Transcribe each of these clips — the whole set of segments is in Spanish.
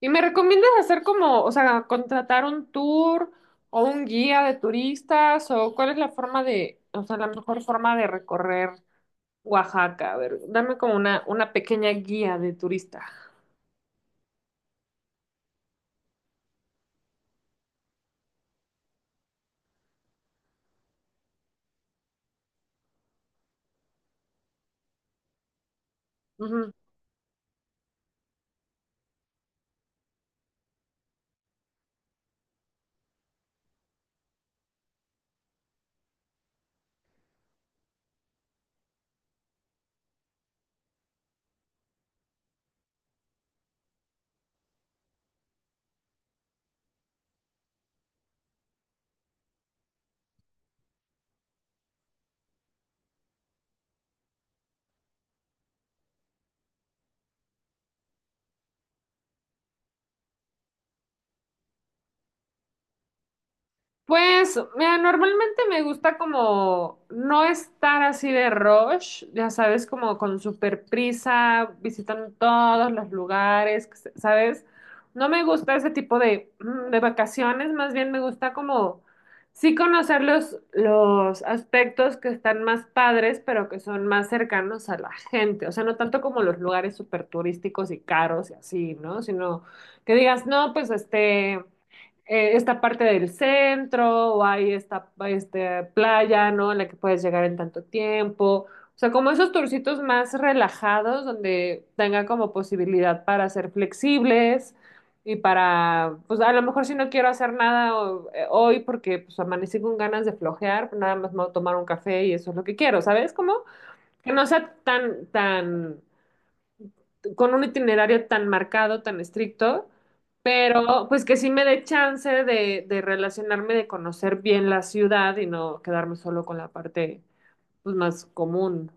¿Y me recomiendas hacer como, o sea, contratar un tour o un guía de turistas o cuál es la forma de, o sea, la mejor forma de recorrer Oaxaca? A ver, dame como una pequeña guía de turista. Pues, mira, normalmente me gusta como no estar así de rush, ya sabes, como con super prisa, visitando todos los lugares, ¿sabes? No me gusta ese tipo de, de vacaciones, más bien me gusta como sí conocer los aspectos que están más padres, pero que son más cercanos a la gente, o sea, no tanto como los lugares súper turísticos y caros y así, ¿no? Sino que digas, no, pues esta parte del centro o hay esta playa, ¿no? En la que puedes llegar en tanto tiempo. O sea, como esos turcitos más relajados donde tengan como posibilidad para ser flexibles y para, pues a lo mejor si no quiero hacer nada hoy porque pues amanecí con ganas de flojear, pues, nada más me voy a tomar un café y eso es lo que quiero, ¿sabes? Como que no sea tan con un itinerario tan marcado, tan estricto, pero pues que sí me dé chance de relacionarme, de conocer bien la ciudad y no quedarme solo con la parte, pues, más común,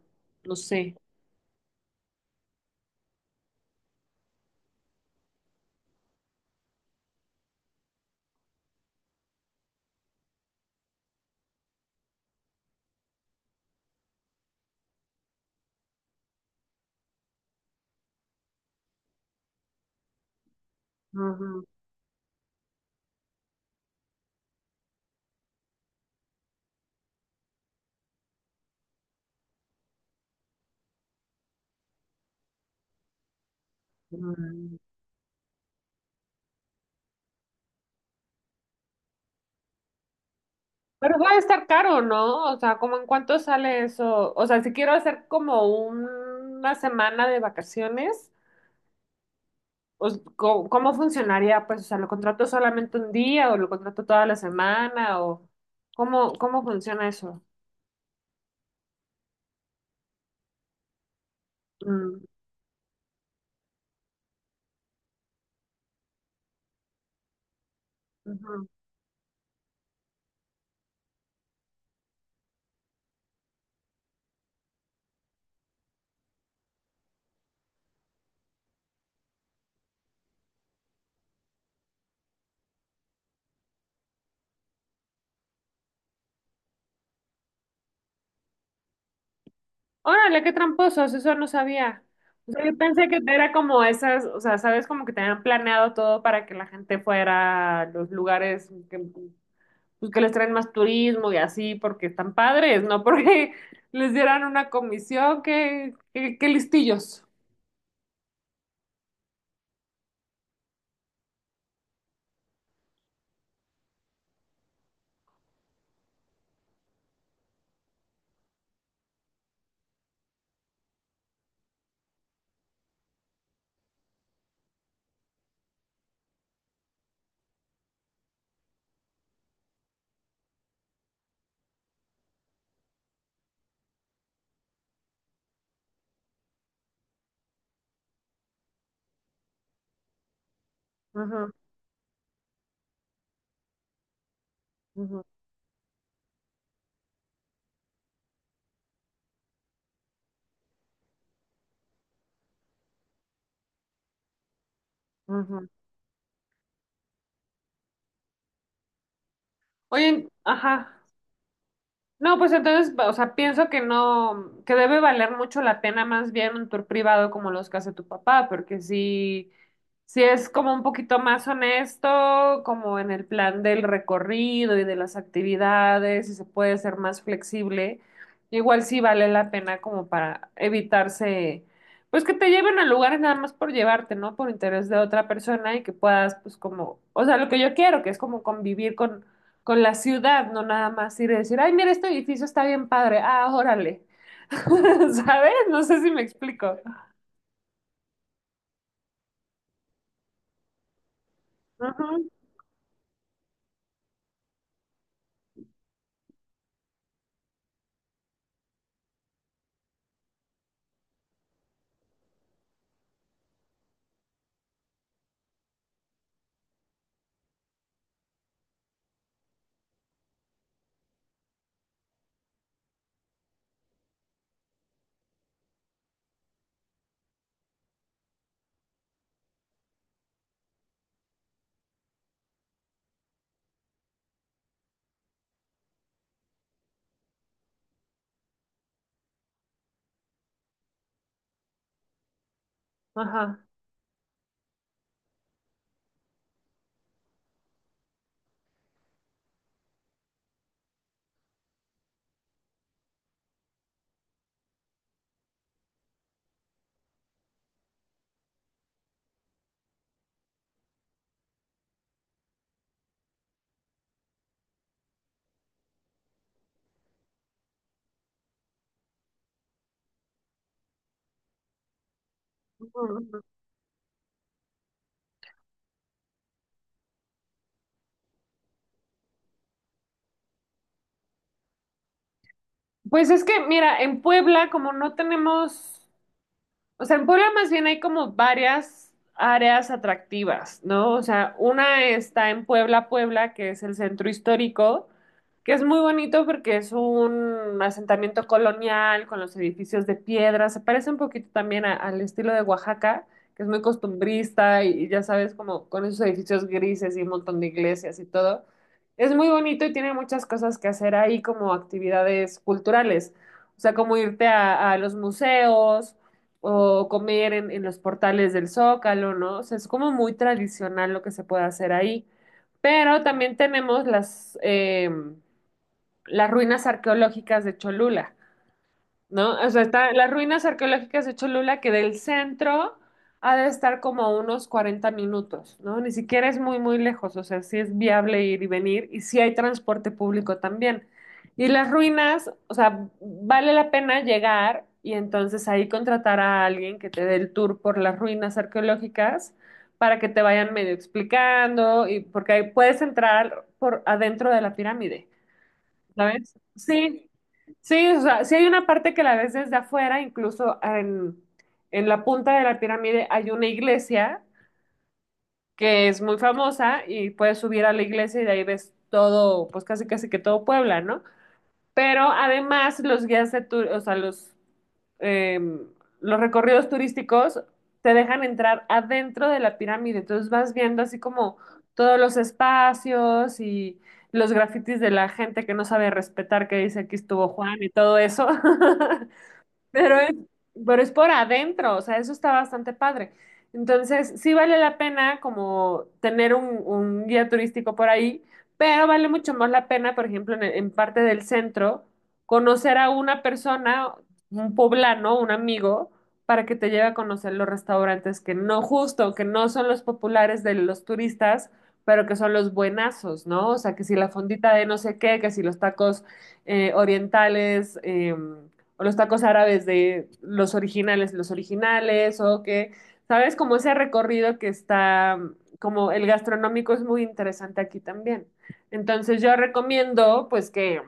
no sé. Ujú. Mm. Pero va a estar caro, ¿no? O sea, ¿cómo en cuánto sale eso? O sea, si quiero hacer como una semana de vacaciones, pues, ¿cómo, cómo funcionaría? Pues, o sea, ¿lo contrato solamente un día o lo contrato toda la semana o cómo, cómo funciona eso? Mm. Ujú. Órale, qué tramposos, eso no sabía. O sea, yo pensé que era como esas, o sea, sabes, como que tenían planeado todo para que la gente fuera a los lugares que, pues, que les traen más turismo y así, porque están padres, ¿no? Porque les dieran una comisión, qué, qué, qué listillos. Ujú, ujú, ujú. Oye, ajá. No, pues entonces, o sea, pienso que no, que debe valer mucho la pena más bien un tour privado como los que hace tu papá, porque si, si es como un poquito más honesto, como en el plan del recorrido y de las actividades, y se puede ser más flexible, igual sí vale la pena como para evitarse, pues que te lleven a lugares nada más por llevarte, ¿no? Por interés de otra persona y que puedas, pues como, o sea, lo que yo quiero, que es como convivir con la ciudad, no nada más ir y decir, ay, mira, este edificio está bien padre, ah, órale. ¿Sabes? No sé si me explico. Ujú. Ajá. Ujú, ujú. Pues es que, mira, en Puebla, como no tenemos. O sea, en Puebla más bien hay como varias áreas atractivas, ¿no? O sea, una está en Puebla, Puebla, que es el centro histórico, que es muy bonito porque es un asentamiento colonial con los edificios de piedra. Se parece un poquito también al estilo de Oaxaca, que es muy costumbrista y ya sabes, como con esos edificios grises y un montón de iglesias y todo. Es muy bonito y tiene muchas cosas que hacer ahí como actividades culturales. O sea, como irte a los museos o comer en los portales del Zócalo, ¿no? O sea, es como muy tradicional lo que se puede hacer ahí. Pero también tenemos las ruinas arqueológicas de Cholula. ¿No? O sea, está, las ruinas arqueológicas de Cholula, que del centro ha de estar como a unos 40 minutos, ¿no? Ni siquiera es muy lejos, o sea, sí es viable ir y venir y sí hay transporte público también. Y las ruinas, o sea, vale la pena llegar y entonces ahí contratar a alguien que te dé el tour por las ruinas arqueológicas para que te vayan medio explicando y porque ahí puedes entrar por adentro de la pirámide, ¿sabes? Sí. Sí, o sea, sí hay una parte que la ves desde afuera, incluso en la punta de la pirámide hay una iglesia que es muy famosa y puedes subir a la iglesia y de ahí ves todo, pues casi casi que todo Puebla, ¿no? Pero además los guías de tu- o sea, eh, los recorridos turísticos te dejan entrar adentro de la pirámide, entonces vas viendo así como todos los espacios y los grafitis de la gente que no sabe respetar, que dice aquí estuvo Juan y todo eso. Pero es, pero es por adentro, o sea, eso está bastante padre. Entonces, sí vale la pena como tener un guía turístico por ahí, pero vale mucho más la pena, por ejemplo, en parte del centro, conocer a una persona, un poblano, un amigo, para que te lleve a conocer los restaurantes que no, justo, que no son los populares de los turistas, pero que son los buenazos, ¿no? O sea, que si la fondita de no sé qué, que si los tacos orientales. O los tacos árabes de los originales, o que, ¿sabes? Como ese recorrido que está, como el gastronómico es muy interesante aquí también. Entonces yo recomiendo, pues, que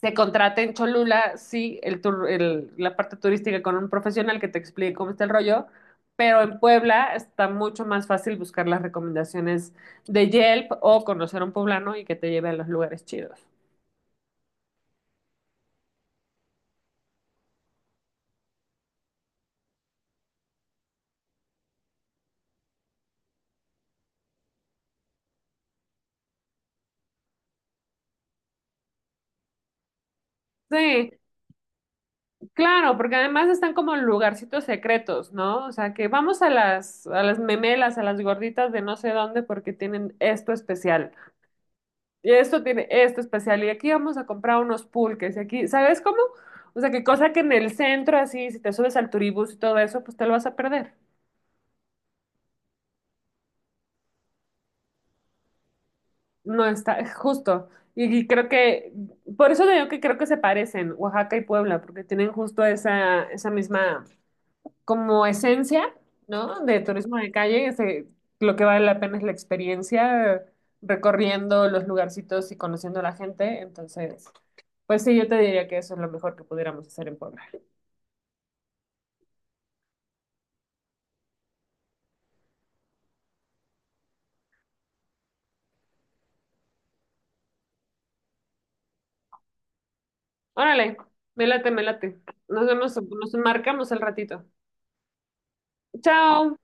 se contrate en Cholula, sí, la parte turística con un profesional que te explique cómo está el rollo, pero en Puebla está mucho más fácil buscar las recomendaciones de Yelp o conocer a un poblano y que te lleve a los lugares chidos. Sí. Claro, porque además están como en lugarcitos secretos, ¿no? O sea, que vamos a a las memelas, a las gorditas de no sé dónde porque tienen esto especial. Y esto tiene esto especial. Y aquí vamos a comprar unos pulques. Y aquí, ¿sabes cómo? O sea, que cosa que en el centro, así, si te subes al turibús y todo eso, pues te lo vas a perder. No está, justo. Y creo que, por eso digo que creo que se parecen Oaxaca y Puebla, porque tienen justo esa misma como esencia, ¿no? De turismo de calle, lo que vale la pena es la experiencia recorriendo los lugarcitos y conociendo a la gente. Entonces, pues sí, yo te diría que eso es lo mejor que pudiéramos hacer en Puebla. Órale, me late, me late. Nos vemos, nos marcamos el ratito. Chao.